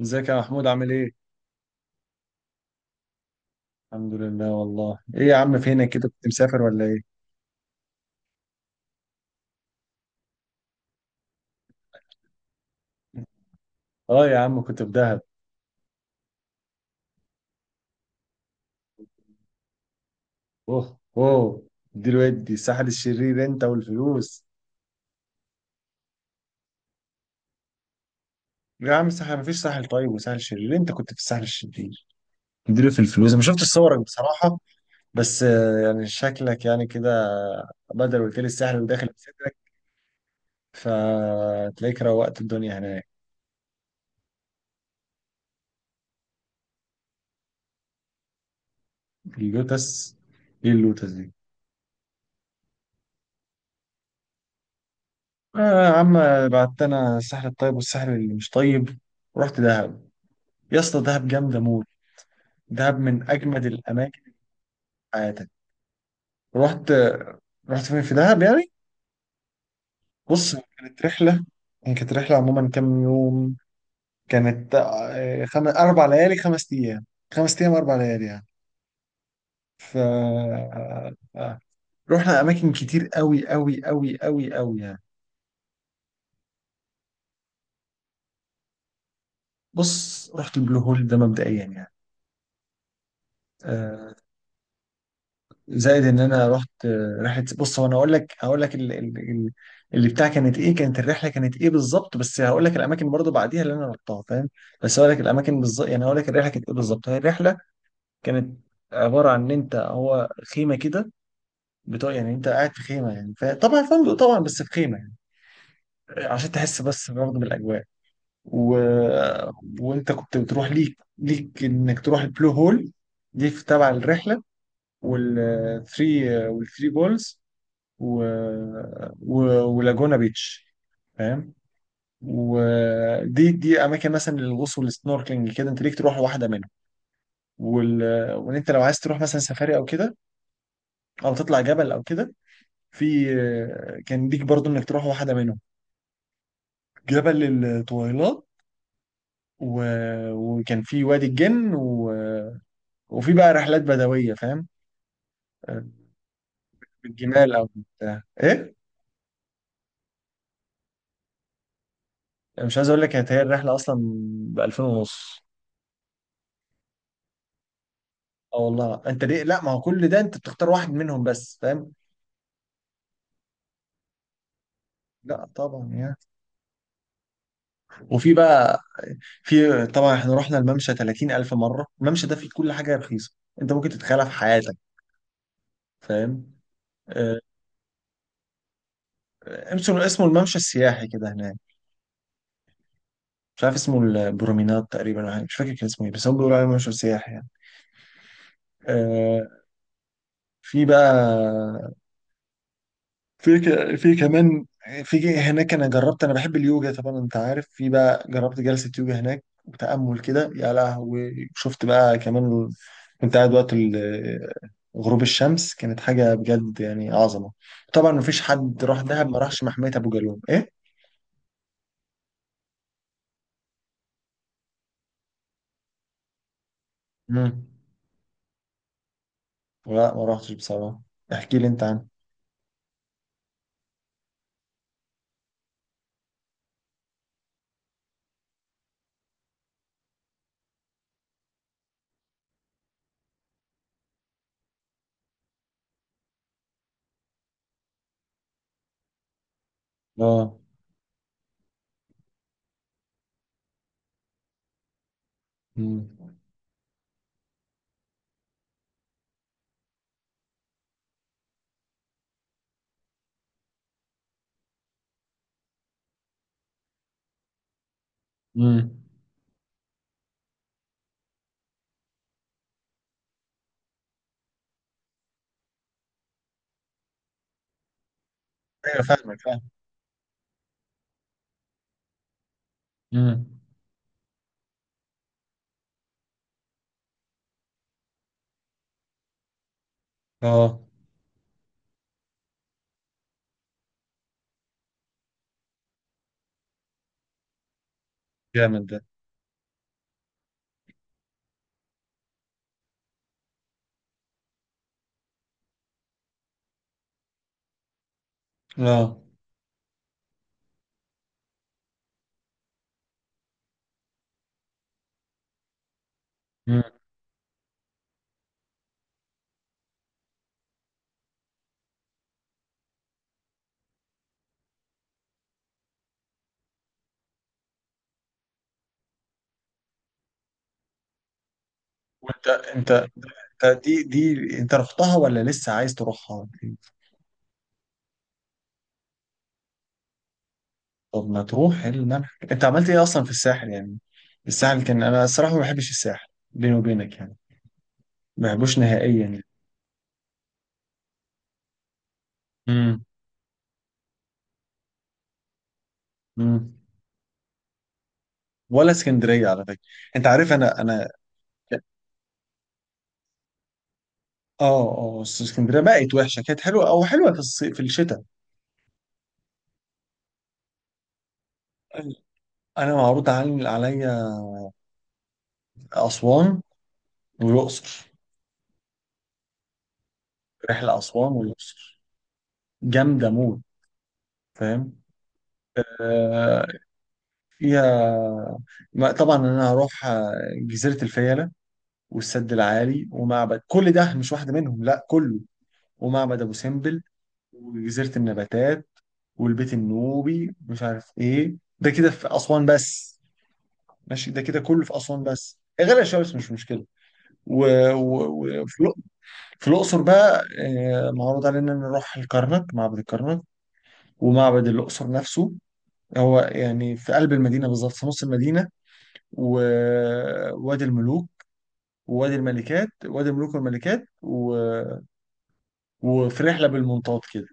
ازيك يا محمود عامل ايه؟ الحمد لله. والله ايه يا عم، فينك كده؟ كنت مسافر ولا ايه؟ اه يا عم، كنت في دهب. اوه. اوه. دي الودي الساحل الشرير انت والفلوس. يا عم الساحل مفيش ساحل طيب وساحل شرير، انت كنت في الساحل الشرير، اديله في الفلوس. انا شفت صورك بصراحة. بس يعني شكلك يعني كده. بدل قلت لي الساحل وداخل بصدرك، فتلاقيك روقت الدنيا هناك. اللوتس. ايه اللوتس دي؟ آه يا عم، بعت انا الساحل الطيب والساحل اللي مش طيب، ورحت دهب. يا اسطى دهب جامده موت، دهب من اجمد الاماكن في حياتك. رحت رحت فين في دهب يعني؟ بص، كانت رحله. هي كانت رحله عموما كام يوم؟ كانت اربع ليالي خمس ايام، خمس ايام اربع ليالي يعني. ف آه، آه، رحنا اماكن كتير قوي قوي قوي قوي قوي يعني. بص، رحت البلو هول ده مبدئيا يعني. آه، زائد ان انا رحت رحله. بص، هو انا اقول لك هقول لك اللي بتاع كانت ايه، كانت الرحله كانت ايه بالظبط، بس هقول لك الاماكن برضو بعديها اللي انا رحتها فاهم. بس هقول لك الاماكن بالظبط، يعني هقول لك الرحله كانت ايه بالظبط. هي الرحله كانت عباره عن ان انت هو خيمه كده بتوع، يعني انت قاعد في خيمه يعني، طبعا فندق طبعا بس في خيمه، يعني عشان تحس بس برضه بالاجواء. و... وانت كنت بتروح ليك انك تروح البلو هول، دي في تبع الرحله، والثري والثري بولز، و... و... ولاجونا بيتش، فاهم. ودي اماكن مثلا للغوص والسنوركلينج كده، انت ليك تروح واحده منهم. وال... وان انت لو عايز تروح مثلا سفاري او كده، او تطلع جبل او كده، في كان ليك برضو انك تروح واحده منهم، جبل الطويلات، و... وكان في وادي الجن، وفي بقى رحلات بدويه فاهم. بالجمال او بتاع ايه. مش عايز اقول لك، كانت هي الرحله اصلا ب 2000 ونص. اه والله، انت ليه؟ لا ما هو كل ده انت بتختار واحد منهم بس فاهم. لا طبعا يعني. وفي بقى، في طبعا احنا رحنا الممشى 30,000 مره. الممشى ده فيه كل حاجه رخيصه انت ممكن تتخيلها في حياتك، فاهم. آه، اسمه اسمه الممشى السياحي كده هناك. مش عارف اسمه البرومينات تقريبا ولا حاجة، مش فاكر كان اسمه ايه، بس هم بيقولوا عليه ممشى سياحي يعني. آه، في بقى، في كمان في هناك، انا جربت، انا بحب اليوجا طبعا انت عارف، في بقى جربت جلسة يوجا هناك وتأمل كده. يا لهوي، شفت بقى كمان، كنت قاعد وقت غروب الشمس، كانت حاجة بجد يعني عظمة. طبعا مفيش حد راح دهب ما راحش محمية ابو جالوم ايه. مم. لا ما رحتش بصراحة. احكي لي انت عنه. اه. مم. مم. ايوه فاهمك فاهم. مم. اه جامد ده. اه. وانت، انت دي، انت رحتها ولا لسه عايز تروحها؟ طب ما تروح إيه الملح، انت عملت ايه اصلا في الساحل يعني؟ الساحل كان، انا الصراحه ما بحبش الساحل بيني وبينك يعني، ما بحبوش نهائيا يعني. امم. امم. ولا اسكندريه على فكره. انت عارف انا انا. اه اه، بس اسكندريه بقت وحشه، كانت حلوه او حلوه في الصيف في الشتاء. انا معروض عليا اسوان والاقصر، رحله اسوان والاقصر جامده موت فاهم. آه، فيها. طبعا انا هروح جزيره الفيله والسد العالي ومعبد، كل ده مش واحده منهم لا كله، ومعبد ابو سمبل وجزيره النباتات والبيت النوبي، مش عارف ايه ده كده في اسوان بس، ماشي ده كده كله في اسوان بس، غير الشمس مش مشكله. وفي في الاقصر بقى، معروض علينا نروح الكرنك، معبد الكرنك ومعبد الاقصر نفسه، هو يعني في قلب المدينه بالظبط في نص المدينه، ووادي الملوك ووادي الملكات وادي الملوك والملكات، وفي رحله بالمنطاد كده.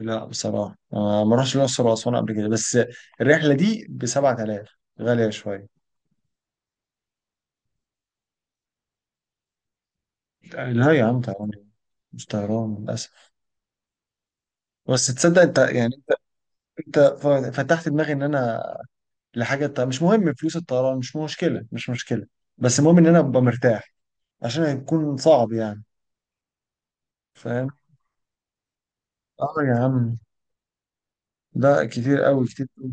لا بصراحه، أنا ما رحتش الاقصر واسوان قبل كده، بس الرحله دي ب 7,000، غاليه شويه. لا يا عم طبعا، مش طيران للاسف. بس تصدق انت يعني، انت ف- فتحت دماغي ان انا لحاجه مش مهم. فلوس الطيران مش مشكله، مش مشكله، بس المهم ان انا ابقى مرتاح، عشان هيكون صعب يعني، فاهم. اه يا عم، لا كتير قوي كتير قوي.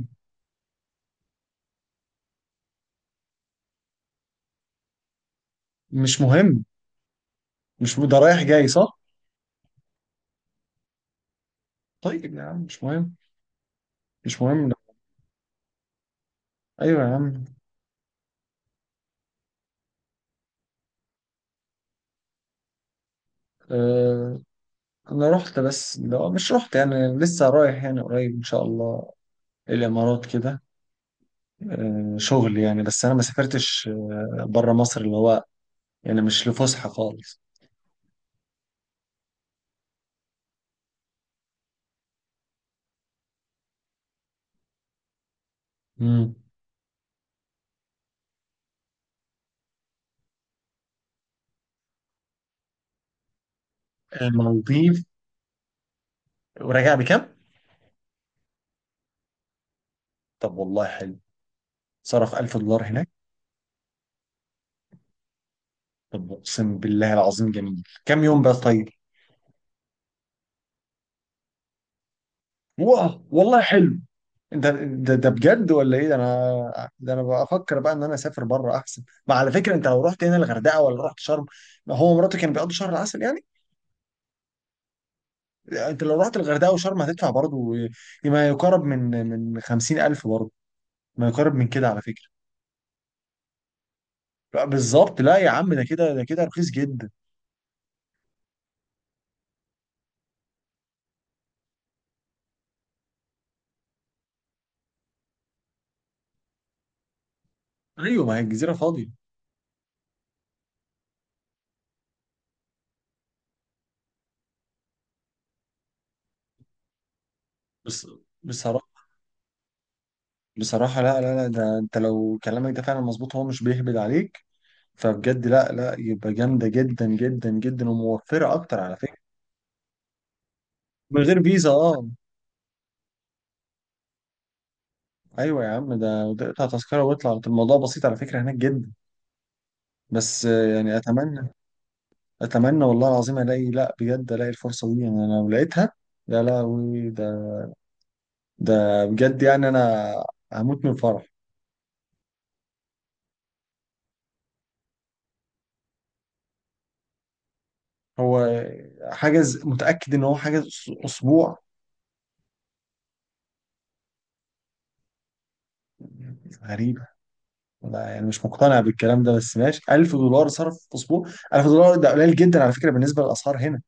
مش مهم. مش م- ده رايح جاي صح. طيب يا عم مش مهم. مش مهم. ايوه يا عم. آه، انا رحت، بس لو مش رحت يعني لسه رايح يعني قريب ان شاء الله، الامارات كده، آه شغل يعني، بس انا ما سافرتش آه بره مصر اللي هو يعني مش لفسحه خالص. امم. المالديف، وراجع بكام؟ طب والله حلو، صرف 1000 دولار هناك. طب اقسم بالله العظيم جميل، كام يوم بقى طيب؟ واو والله حلو. ده بجد ولا ايه؟ ده انا، ده انا بفكر بقى ان انا اسافر بره احسن. ما على فكره، انت لو رحت هنا الغردقه ولا رحت شرم، ما هو مراتي كان بيقضي شهر العسل يعني، انت لو رحت الغردقه وشرم هتدفع برضه ما يقارب من 50,000 برضه، ما يقارب من كده على فكره. لا بالظبط، لا يا عم، ده كده ده كده رخيص جدا. ايوه ما هي الجزيره فاضيه. بس بصراحه، بصراحه لا لا لا، ده انت لو كلامك ده فعلا مظبوط هو مش بيهبد عليك، فبجد لا لا، يبقى جامده جدا جدا جدا وموفره اكتر على فكره. من غير فيزا اه. ايوه يا عم، ده اقطع تذكره واطلع، الموضوع بسيط على فكره هناك جدا. بس يعني اتمنى، اتمنى والله العظيم الاقي، لا بجد الاقي الفرصه دي يعني، انا لو لقيتها يا لهوي، ده ده بجد يعني، انا هموت من الفرح. هو حاجز، متاكد ان هو حاجز اسبوع؟ غريبه. لا يعني مش مقتنع بالكلام ده، بس ماشي، 1000 دولار صرف في اسبوع، 1000 دولار ده قليل جدا على فكره بالنسبه للاسعار هنا.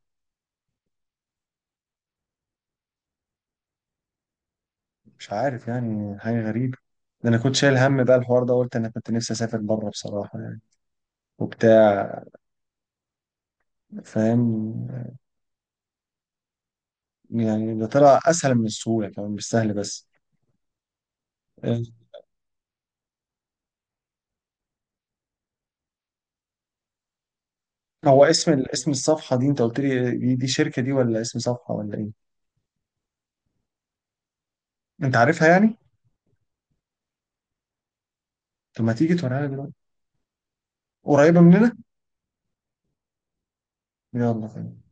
مش عارف يعني، حاجة غريبة. ده أنا كنت شايل هم بقى الحوار ده، قلت أنا كنت نفسي أسافر بره بصراحة يعني، وبتاع، فاهم. يعني ده طلع أسهل من السهولة، كمان مش سهل بس. آه، هو اسم اسم الصفحة دي، أنت قلت لي دي, دي شركة دي ولا اسم صفحة ولا إيه؟ أنت عارفها يعني؟ طب ما تيجي توريها لي دلوقتي. قريبة مننا؟ يلا.